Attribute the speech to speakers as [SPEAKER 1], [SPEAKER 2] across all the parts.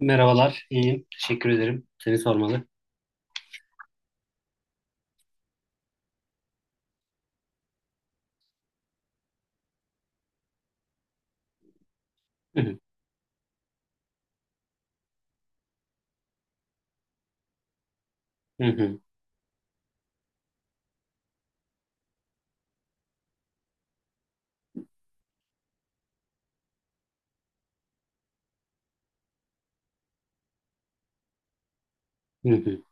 [SPEAKER 1] Merhabalar, iyiyim. Teşekkür ederim. Seni sormalı. Hı hı, hı hı, hı hı,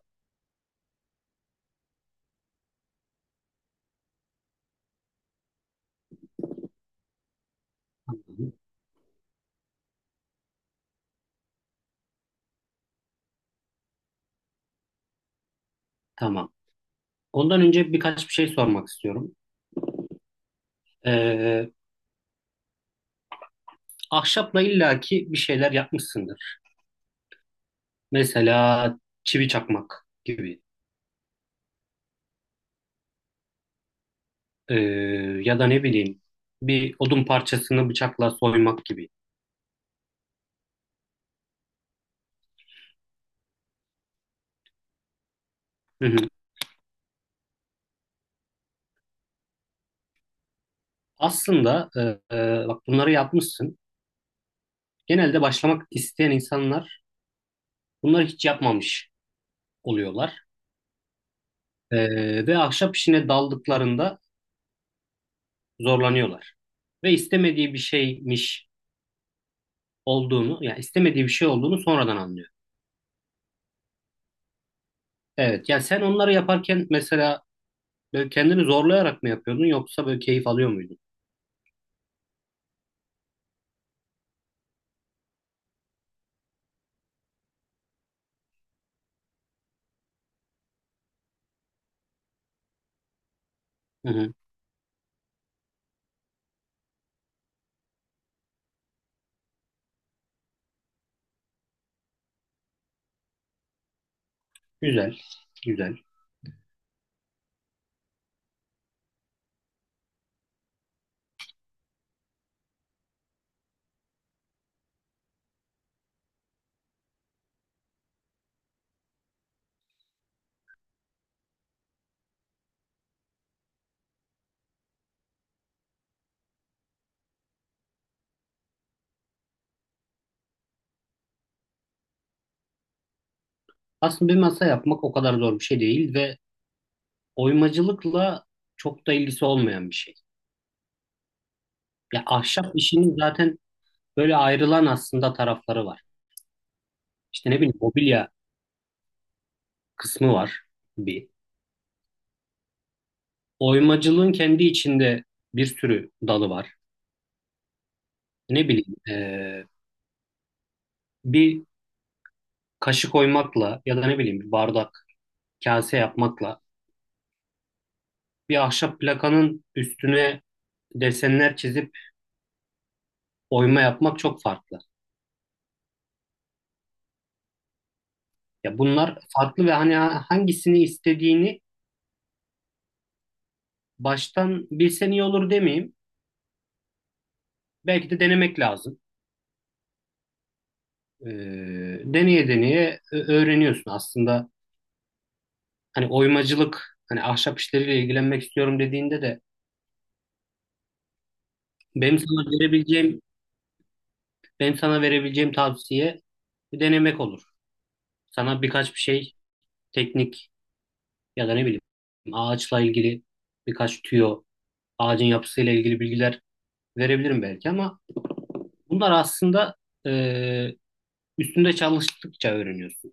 [SPEAKER 1] hı hı. Tamam. Ondan önce birkaç bir şey sormak istiyorum. Ee, Ahşapla illaki bir şeyler yapmışsındır. Mesela çivi çakmak gibi. Ee, Ya da ne bileyim bir odun parçasını bıçakla soymak gibi. Hı hı. Aslında bak bunları yapmışsın. Genelde başlamak isteyen insanlar bunları hiç yapmamış oluyorlar. Ve ahşap işine daldıklarında zorlanıyorlar. Ve istemediği bir şeymiş olduğunu, yani istemediği bir şey olduğunu sonradan anlıyor. Evet, yani sen onları yaparken mesela böyle kendini zorlayarak mı yapıyordun yoksa böyle keyif alıyor muydun? Hı hı. Güzel, güzel. Aslında bir masa yapmak o kadar zor bir şey değil ve oymacılıkla çok da ilgisi olmayan bir şey. Ya ahşap işinin zaten böyle ayrılan aslında tarafları var. İşte ne bileyim mobilya kısmı var bir. Oymacılığın kendi içinde bir sürü dalı var. Ne bileyim bir kaşık oymakla ya da ne bileyim bir bardak, kase yapmakla bir ahşap plakanın üstüne desenler çizip oyma yapmak çok farklı. Ya bunlar farklı ve hani hangisini istediğini baştan bilsen iyi olur demeyeyim. Belki de denemek lazım. Ee, Deneye deneye öğreniyorsun aslında. Hani oymacılık, hani ahşap işleriyle ilgilenmek istiyorum dediğinde de benim sana verebileceğim benim sana verebileceğim tavsiye denemek olur. Sana birkaç bir şey teknik ya da ne bileyim ağaçla ilgili birkaç tüyo, ağacın yapısıyla ilgili bilgiler verebilirim belki ama bunlar aslında e, üstünde çalıştıkça öğreniyorsun.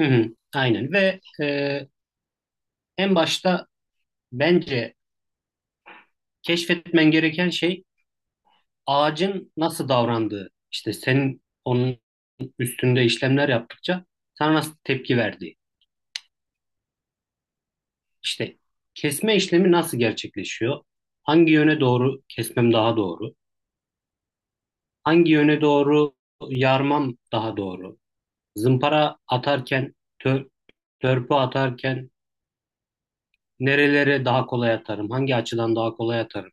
[SPEAKER 1] Hı hı, aynen ve en başta bence keşfetmen gereken şey ağacın nasıl davrandığı. İşte senin onun üstünde işlemler yaptıkça sana nasıl tepki verdiği. İşte kesme işlemi nasıl gerçekleşiyor? Hangi yöne doğru kesmem daha doğru? Hangi yöne doğru yarmam daha doğru? Zımpara atarken, törpü atarken nerelere daha kolay atarım? Hangi açıdan daha kolay atarım?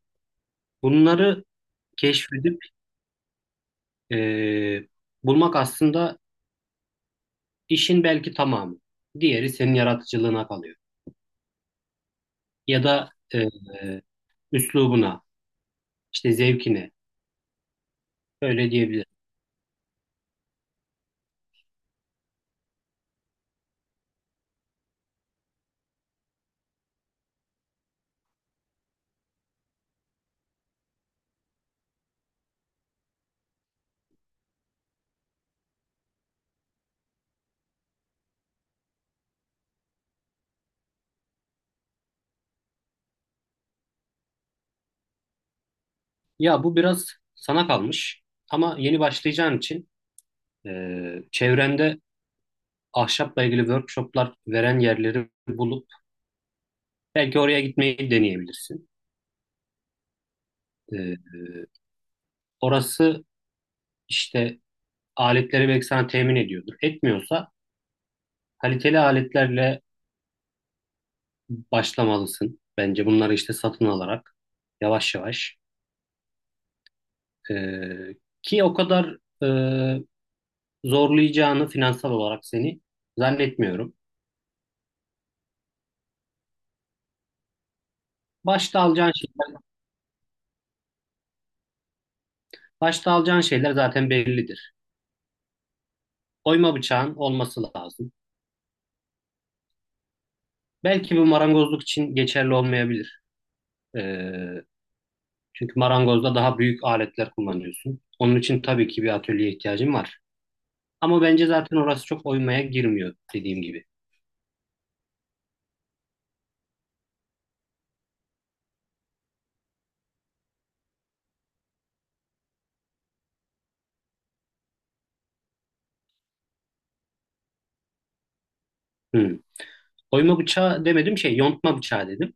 [SPEAKER 1] Bunları keşfedip eee, bulmak aslında işin belki tamamı. Diğeri senin yaratıcılığına kalıyor. Ya da üslubuna, işte zevkine. Öyle diyebilirim. Ya bu biraz sana kalmış. Ama yeni başlayacağın için çevrende ahşapla ilgili workshoplar veren yerleri bulup belki oraya gitmeyi deneyebilirsin. Ee, Orası işte aletleri belki sana temin ediyordur. Etmiyorsa kaliteli aletlerle başlamalısın. Bence bunları işte satın alarak yavaş yavaş ee, ki o kadar e, zorlayacağını finansal olarak seni zannetmiyorum. Başta alacağın şeyler, başta alacağın şeyler zaten bellidir. Oyma bıçağın olması lazım. Belki bu marangozluk için geçerli olmayabilir. Ee, Çünkü marangozda daha büyük aletler kullanıyorsun. Onun için tabii ki bir atölyeye ihtiyacın var. Ama bence zaten orası çok oymaya girmiyor dediğim gibi. Hı. Oyma bıçağı demedim şey yontma bıçağı dedim.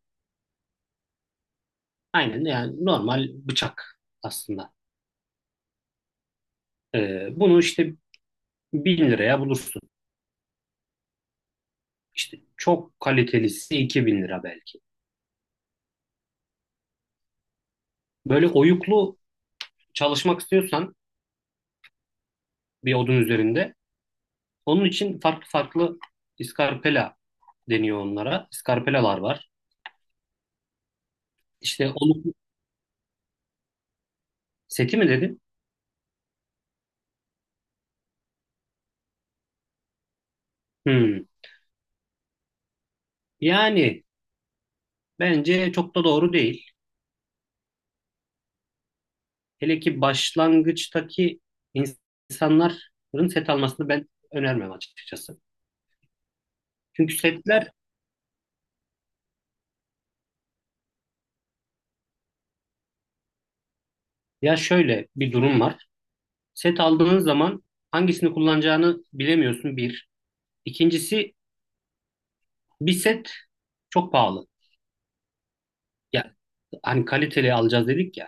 [SPEAKER 1] Aynen yani normal bıçak aslında. Bunu işte 1.000 liraya bulursun. İşte çok kalitelisi 2.000 lira belki. Böyle oyuklu çalışmak istiyorsan bir odun üzerinde onun için farklı farklı iskarpela deniyor onlara. İskarpelalar var. İşte onu seti mi dedin? Hmm. Yani bence çok da doğru değil. Hele ki başlangıçtaki insanların set almasını ben önermem açıkçası. Çünkü setler ya şöyle bir durum var. Set aldığın zaman hangisini kullanacağını bilemiyorsun bir. İkincisi bir set çok pahalı. Ya hani kaliteli alacağız dedik ya.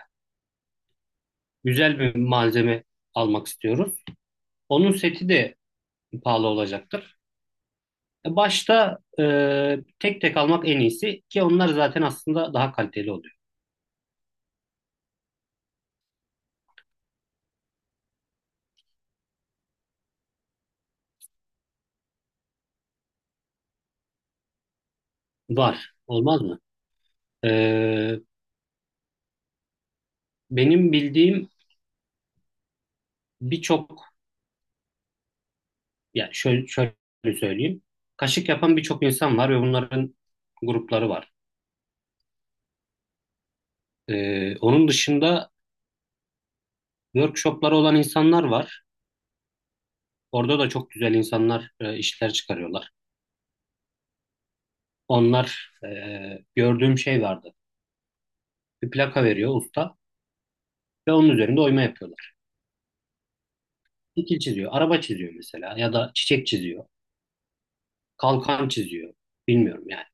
[SPEAKER 1] Güzel bir malzeme almak istiyoruz. Onun seti de pahalı olacaktır. Başta tek tek almak en iyisi ki onlar zaten aslında daha kaliteli oluyor. Var, olmaz mı? E, Benim bildiğim birçok, ya şöyle söyleyeyim. Kaşık yapan birçok insan var ve bunların grupları var. E, onun dışında workshopları olan insanlar var. Orada da çok güzel insanlar işler çıkarıyorlar. Onlar gördüğüm şey vardı. Bir plaka veriyor usta ve onun üzerinde oyma yapıyorlar. Şekil çiziyor, araba çiziyor mesela ya da çiçek çiziyor. Kalkan çiziyor. Bilmiyorum yani.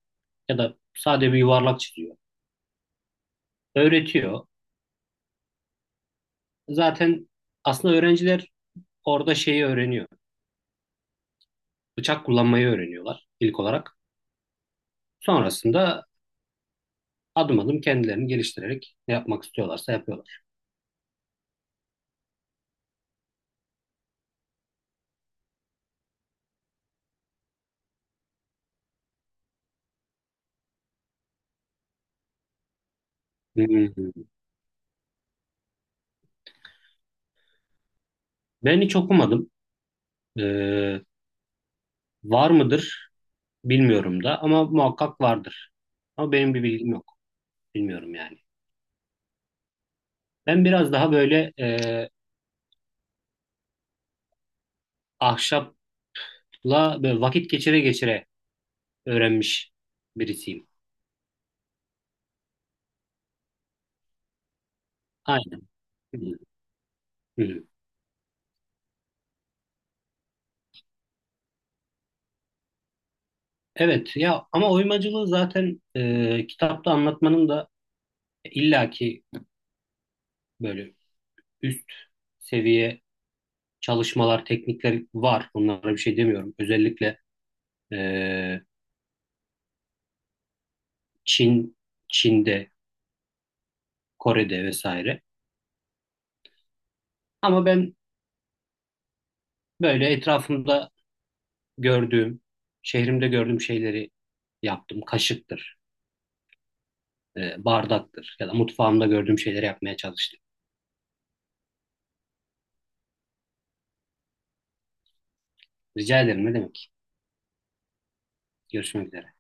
[SPEAKER 1] Ya da sade bir yuvarlak çiziyor. Öğretiyor. Zaten aslında öğrenciler orada şeyi öğreniyor. Bıçak kullanmayı öğreniyorlar ilk olarak. Sonrasında adım adım kendilerini geliştirerek ne yapmak istiyorlarsa yapıyorlar. Hmm. Ben hiç okumadım. Ee, Var mıdır bilmiyorum da ama muhakkak vardır. Ama benim bir bilgim yok. Bilmiyorum yani. Ben biraz daha böyle ahşapla böyle vakit geçire geçire öğrenmiş birisiyim. Aynen. Hı hı. Evet ya ama oymacılığı zaten kitapta anlatmanın da illaki böyle üst seviye çalışmalar, teknikler var. Bunlara bir şey demiyorum. Özellikle e, Çin, Çin'de, Kore'de vesaire. Ama ben böyle etrafımda gördüğüm, şehrimde gördüğüm şeyleri yaptım. Kaşıktır, bardaktır ya da mutfağımda gördüğüm şeyleri yapmaya çalıştım. Rica ederim ne demek. Görüşmek üzere.